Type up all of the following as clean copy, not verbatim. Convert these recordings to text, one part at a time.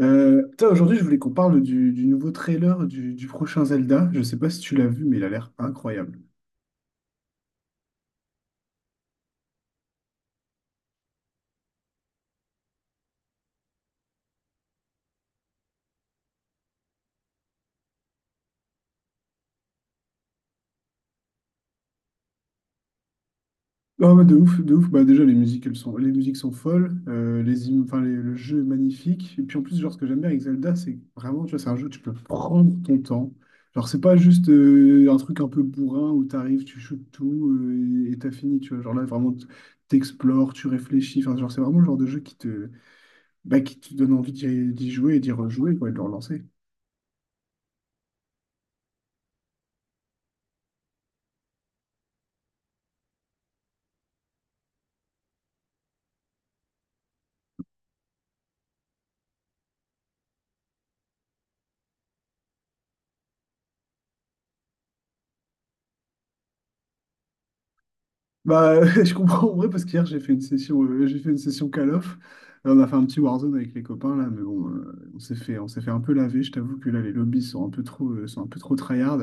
Aujourd'hui, je voulais qu'on parle du nouveau trailer du prochain Zelda. Je sais pas si tu l'as vu, mais il a l'air incroyable. Non, mais de ouf, de ouf. Bah, déjà, les musiques, les musiques sont folles. Les, im- enfin, les- Le jeu est magnifique. Et puis, en plus, genre, ce que j'aime bien avec Zelda, c'est que vraiment, tu vois, c'est un jeu où tu peux prendre ton temps. Genre, c'est pas juste un truc un peu bourrin où t'arrives, tu shootes tout et t'as fini, tu vois. Genre là, vraiment, t'explores, tu réfléchis. Enfin, genre, c'est vraiment le genre de jeu bah, qui te donne envie d'y jouer et d'y rejouer, quoi, et de le relancer. Bah, je comprends en vrai parce qu'hier j'ai fait une session Call of. Là, on a fait un petit Warzone avec les copains là, mais bon, on s'est fait un peu laver. Je t'avoue que là, les lobbies sont un peu trop, sont un peu trop tryhard.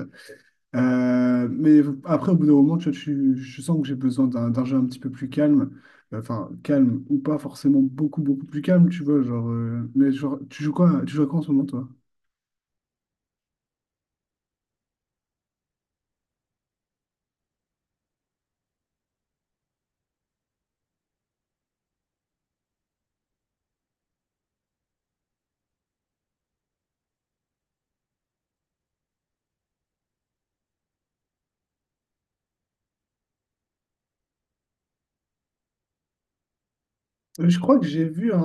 Mais après, au bout d'un moment, tu vois, je sens que j'ai besoin d'un jeu un petit peu plus calme. Enfin, calme ou pas forcément beaucoup, beaucoup plus calme, tu vois. Tu joues à quoi en ce moment, toi? Je crois que j'ai vu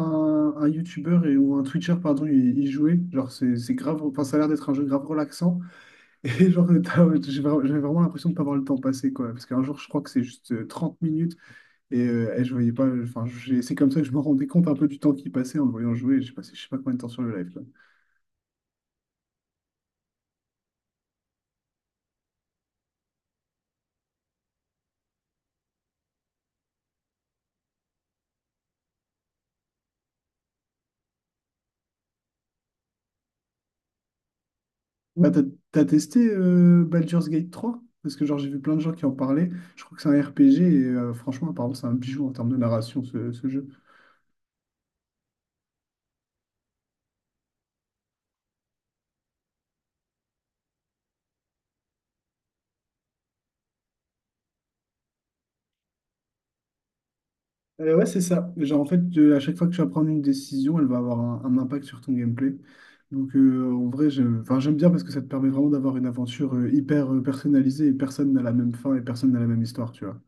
un YouTuber ou un Twitcher, pardon, y jouer. Genre, ça a l'air d'être un jeu grave relaxant. Et genre, j'avais vraiment l'impression de pas voir le temps passer, quoi. Parce qu'un jour, je crois que c'est juste 30 minutes et je voyais pas. C'est comme ça que je me rendais compte un peu du temps qui passait en le voyant jouer. J'ai passé je sais pas combien de temps sur le live, quoi. Là, t'as, T'as testé Baldur's Gate 3? Parce que, genre, j'ai vu plein de gens qui en parlaient. Je crois que c'est un RPG et franchement, apparemment, c'est un bijou en termes de narration, ce jeu. Ouais, c'est ça. Genre, en fait, à chaque fois que tu vas prendre une décision, elle va avoir un impact sur ton gameplay. Donc, en vrai, j'aime bien parce que ça te permet vraiment d'avoir une aventure hyper personnalisée et personne n'a la même fin et personne n'a la même histoire, tu vois.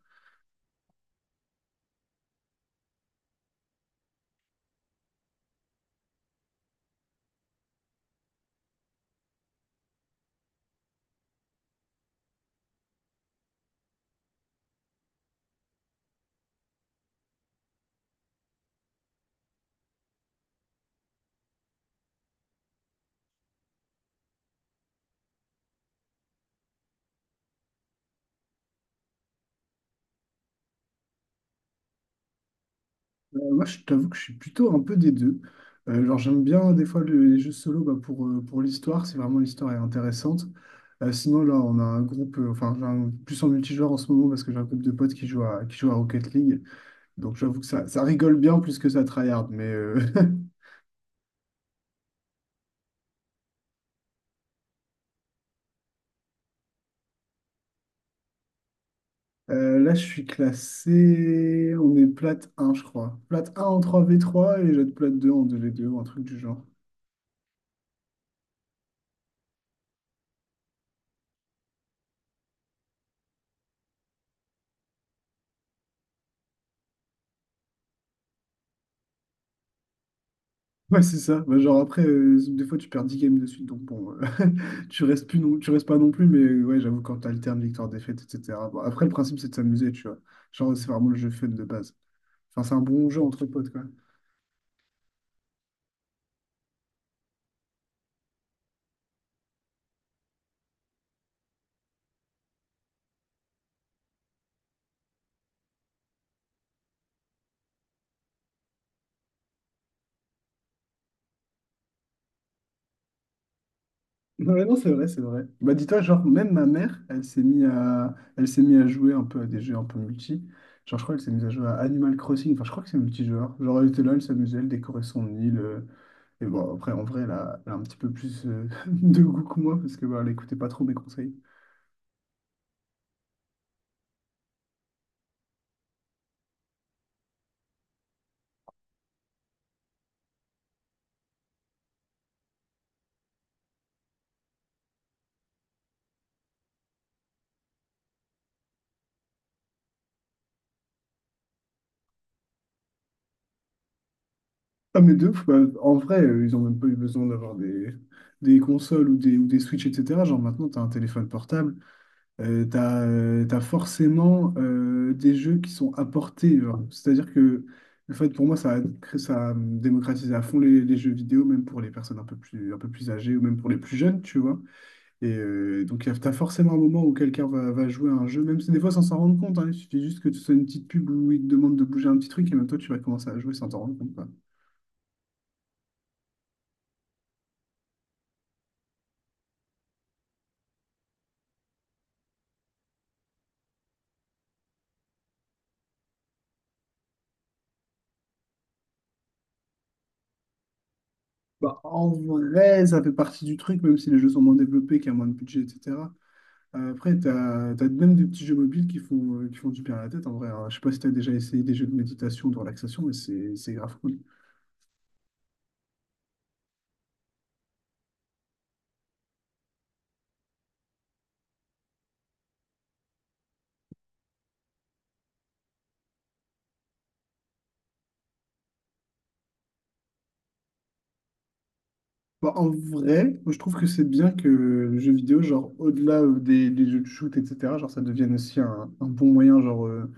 Moi, je t'avoue que je suis plutôt un peu des deux. Genre, j'aime bien des fois les jeux solo bah, pour l'histoire, si vraiment l'histoire est intéressante. Sinon, là, on a un groupe, enfin, j'ai un- plus en multijoueur en ce moment parce que j'ai un groupe de potes qui jouent à Rocket League. Donc j'avoue que ça rigole bien plus que ça tryhard, mais là je suis classé, on est plate un je crois. Plate un en 3 v trois et j'être plate 2 en 2v2 ou un truc du genre. Ouais c'est ça. Bah, genre après des fois tu perds 10 games de suite donc bon, tu restes plus non, tu restes pas non plus mais ouais j'avoue quand t'alternes victoire-défaite etc. Bon, après le principe c'est de s'amuser tu vois, genre c'est vraiment le jeu fun de base. Enfin c'est un bon jeu entre potes quoi. Non, mais non, c'est vrai, c'est vrai. Bah, dis-toi, genre, même ma mère, elle s'est mise à... elle s'est mise à jouer un peu à des jeux un peu multi. Genre, je crois qu'elle s'est mise à jouer à Animal Crossing. Enfin, je crois que c'est multijoueur. Genre, elle était là, elle s'amusait, elle décorait son île. Et bon, après, en vrai, elle a un petit peu plus de goût que moi parce que bah, elle écoutait pas trop mes conseils. Ah, mais deux, En vrai, ils ont même pas eu besoin d'avoir des consoles ou ou des Switch, etc. Genre, maintenant, t'as un téléphone portable. T'as forcément des jeux qui sont apportés, genre. C'est-à-dire que le fait, pour moi, ça a démocratisé à fond les jeux vidéo, même pour les personnes un peu plus âgées ou même pour les plus jeunes, tu vois. Et donc, t'as forcément un moment où va jouer à un jeu, même si des fois, sans s'en rendre compte, hein. Il suffit juste que tu sois une petite pub où il te demande de bouger un petit truc et même toi, tu vas commencer à jouer sans t'en rendre compte, quoi. Bah, en vrai, ça fait partie du truc, même si les jeux sont moins développés, qu'il y a moins de budget, etc. Après, tu as, même des petits jeux mobiles qui font du bien à la tête, en vrai, hein. Je sais pas si tu as déjà essayé des jeux de méditation, de relaxation, mais c'est grave cool. Bah, en vrai, moi, je trouve que c'est bien que le jeu vidéo, genre, au-delà des jeux de shoot, etc., genre, ça devienne aussi un bon moyen,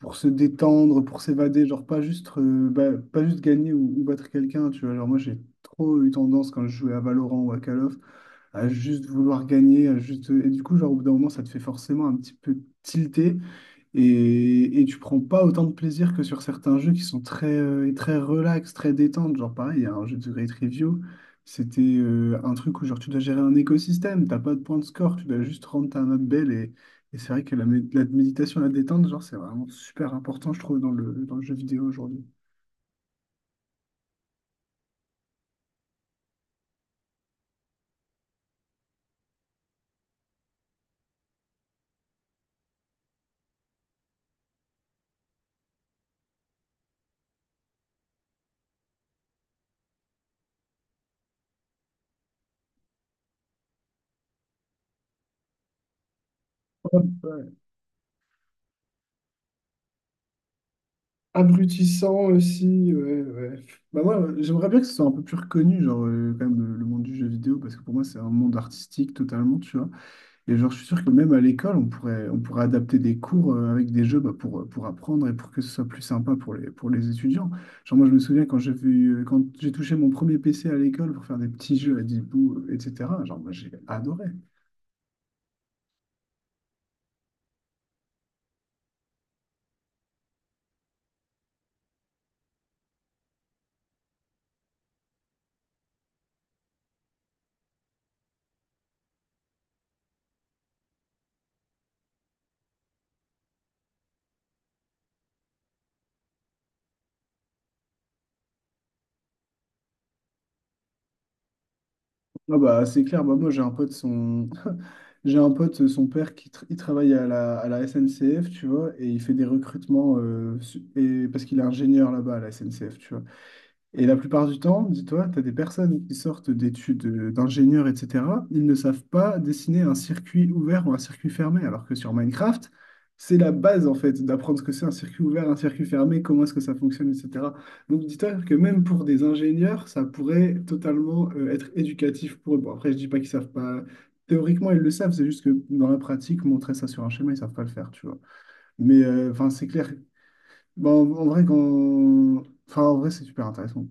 pour se détendre, pour s'évader, genre, pas juste gagner ou battre quelqu'un, tu vois. Genre, moi, j'ai trop eu tendance, quand je jouais à Valorant ou à Call of, à juste vouloir gagner, à juste... Et du coup, genre, au bout d'un moment, ça te fait forcément un petit peu tilter. Et tu prends pas autant de plaisir que sur certains jeux qui sont très, très relax, très détente. Genre pareil, il y a un jeu de Great Review, c'était un truc où genre tu dois gérer un écosystème, t'as pas de point de score, tu dois juste rendre ta note belle. Et c'est vrai que la méditation, la détente, genre c'est vraiment super important, je trouve, dans dans le jeu vidéo aujourd'hui. Ouais, ouais. Abrutissant aussi, ouais, ouais. Bah moi, j'aimerais bien que ce soit un peu plus reconnu, genre quand même le monde du jeu vidéo, parce que pour moi c'est un monde artistique totalement, tu vois. Et genre, je suis sûr que même à l'école, on pourrait adapter des cours avec des jeux bah, pour apprendre et pour que ce soit plus sympa pour pour les étudiants. Genre, moi, je me souviens quand j'ai vu, quand j'ai touché mon premier PC à l'école pour faire des petits jeux à 10 bouts, etc. Genre, moi, j'ai adoré. Ah bah, c'est clair, bah, moi, j'ai un pote, son... j'ai un pote, son père, il travaille à à la SNCF, tu vois, et il fait des recrutements parce qu'il est ingénieur là-bas à la SNCF, tu vois. Et la plupart du temps, dis-toi, tu as des personnes qui sortent d'études d'ingénieurs, etc. Ils ne savent pas dessiner un circuit ouvert ou un circuit fermé, alors que sur Minecraft, c'est la base en fait d'apprendre ce que c'est un circuit ouvert, un circuit fermé, comment est-ce que ça fonctionne, etc. Donc dis-toi que même pour des ingénieurs, ça pourrait totalement être éducatif pour eux. Bon, après, je dis pas qu'ils savent pas. Théoriquement, ils le savent, c'est juste que dans la pratique, montrer ça sur un schéma, ils savent pas le faire, tu vois. Mais c'est clair. Bon, en en vrai, quand... En vrai, c'est super intéressant.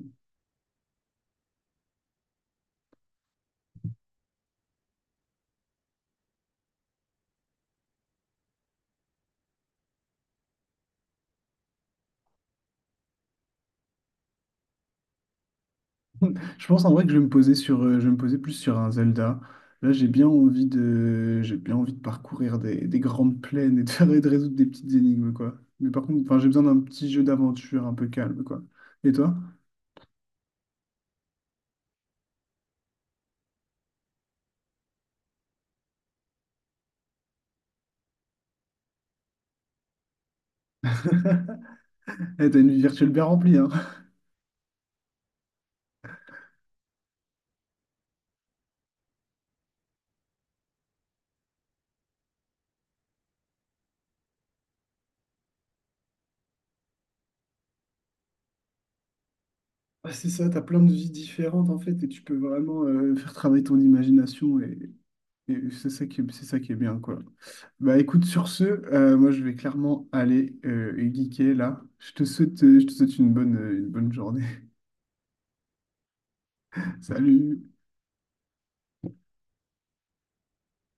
Je pense en vrai que je vais me poser sur, je vais me poser plus sur un Zelda. Là, j'ai bien envie de parcourir des grandes plaines et de, et de résoudre des petites énigmes, quoi. Mais par contre, enfin, j'ai besoin d'un petit jeu d'aventure un peu calme, quoi. Et toi? Eh, t'as une vie virtuelle bien remplie, hein. Ah, c'est ça, t'as plein de vies différentes en fait, et tu peux vraiment faire travailler ton imagination et c'est ça qui est bien, quoi. Bah écoute, sur ce, moi je vais clairement aller geeker là. Je te souhaite une bonne journée. Salut.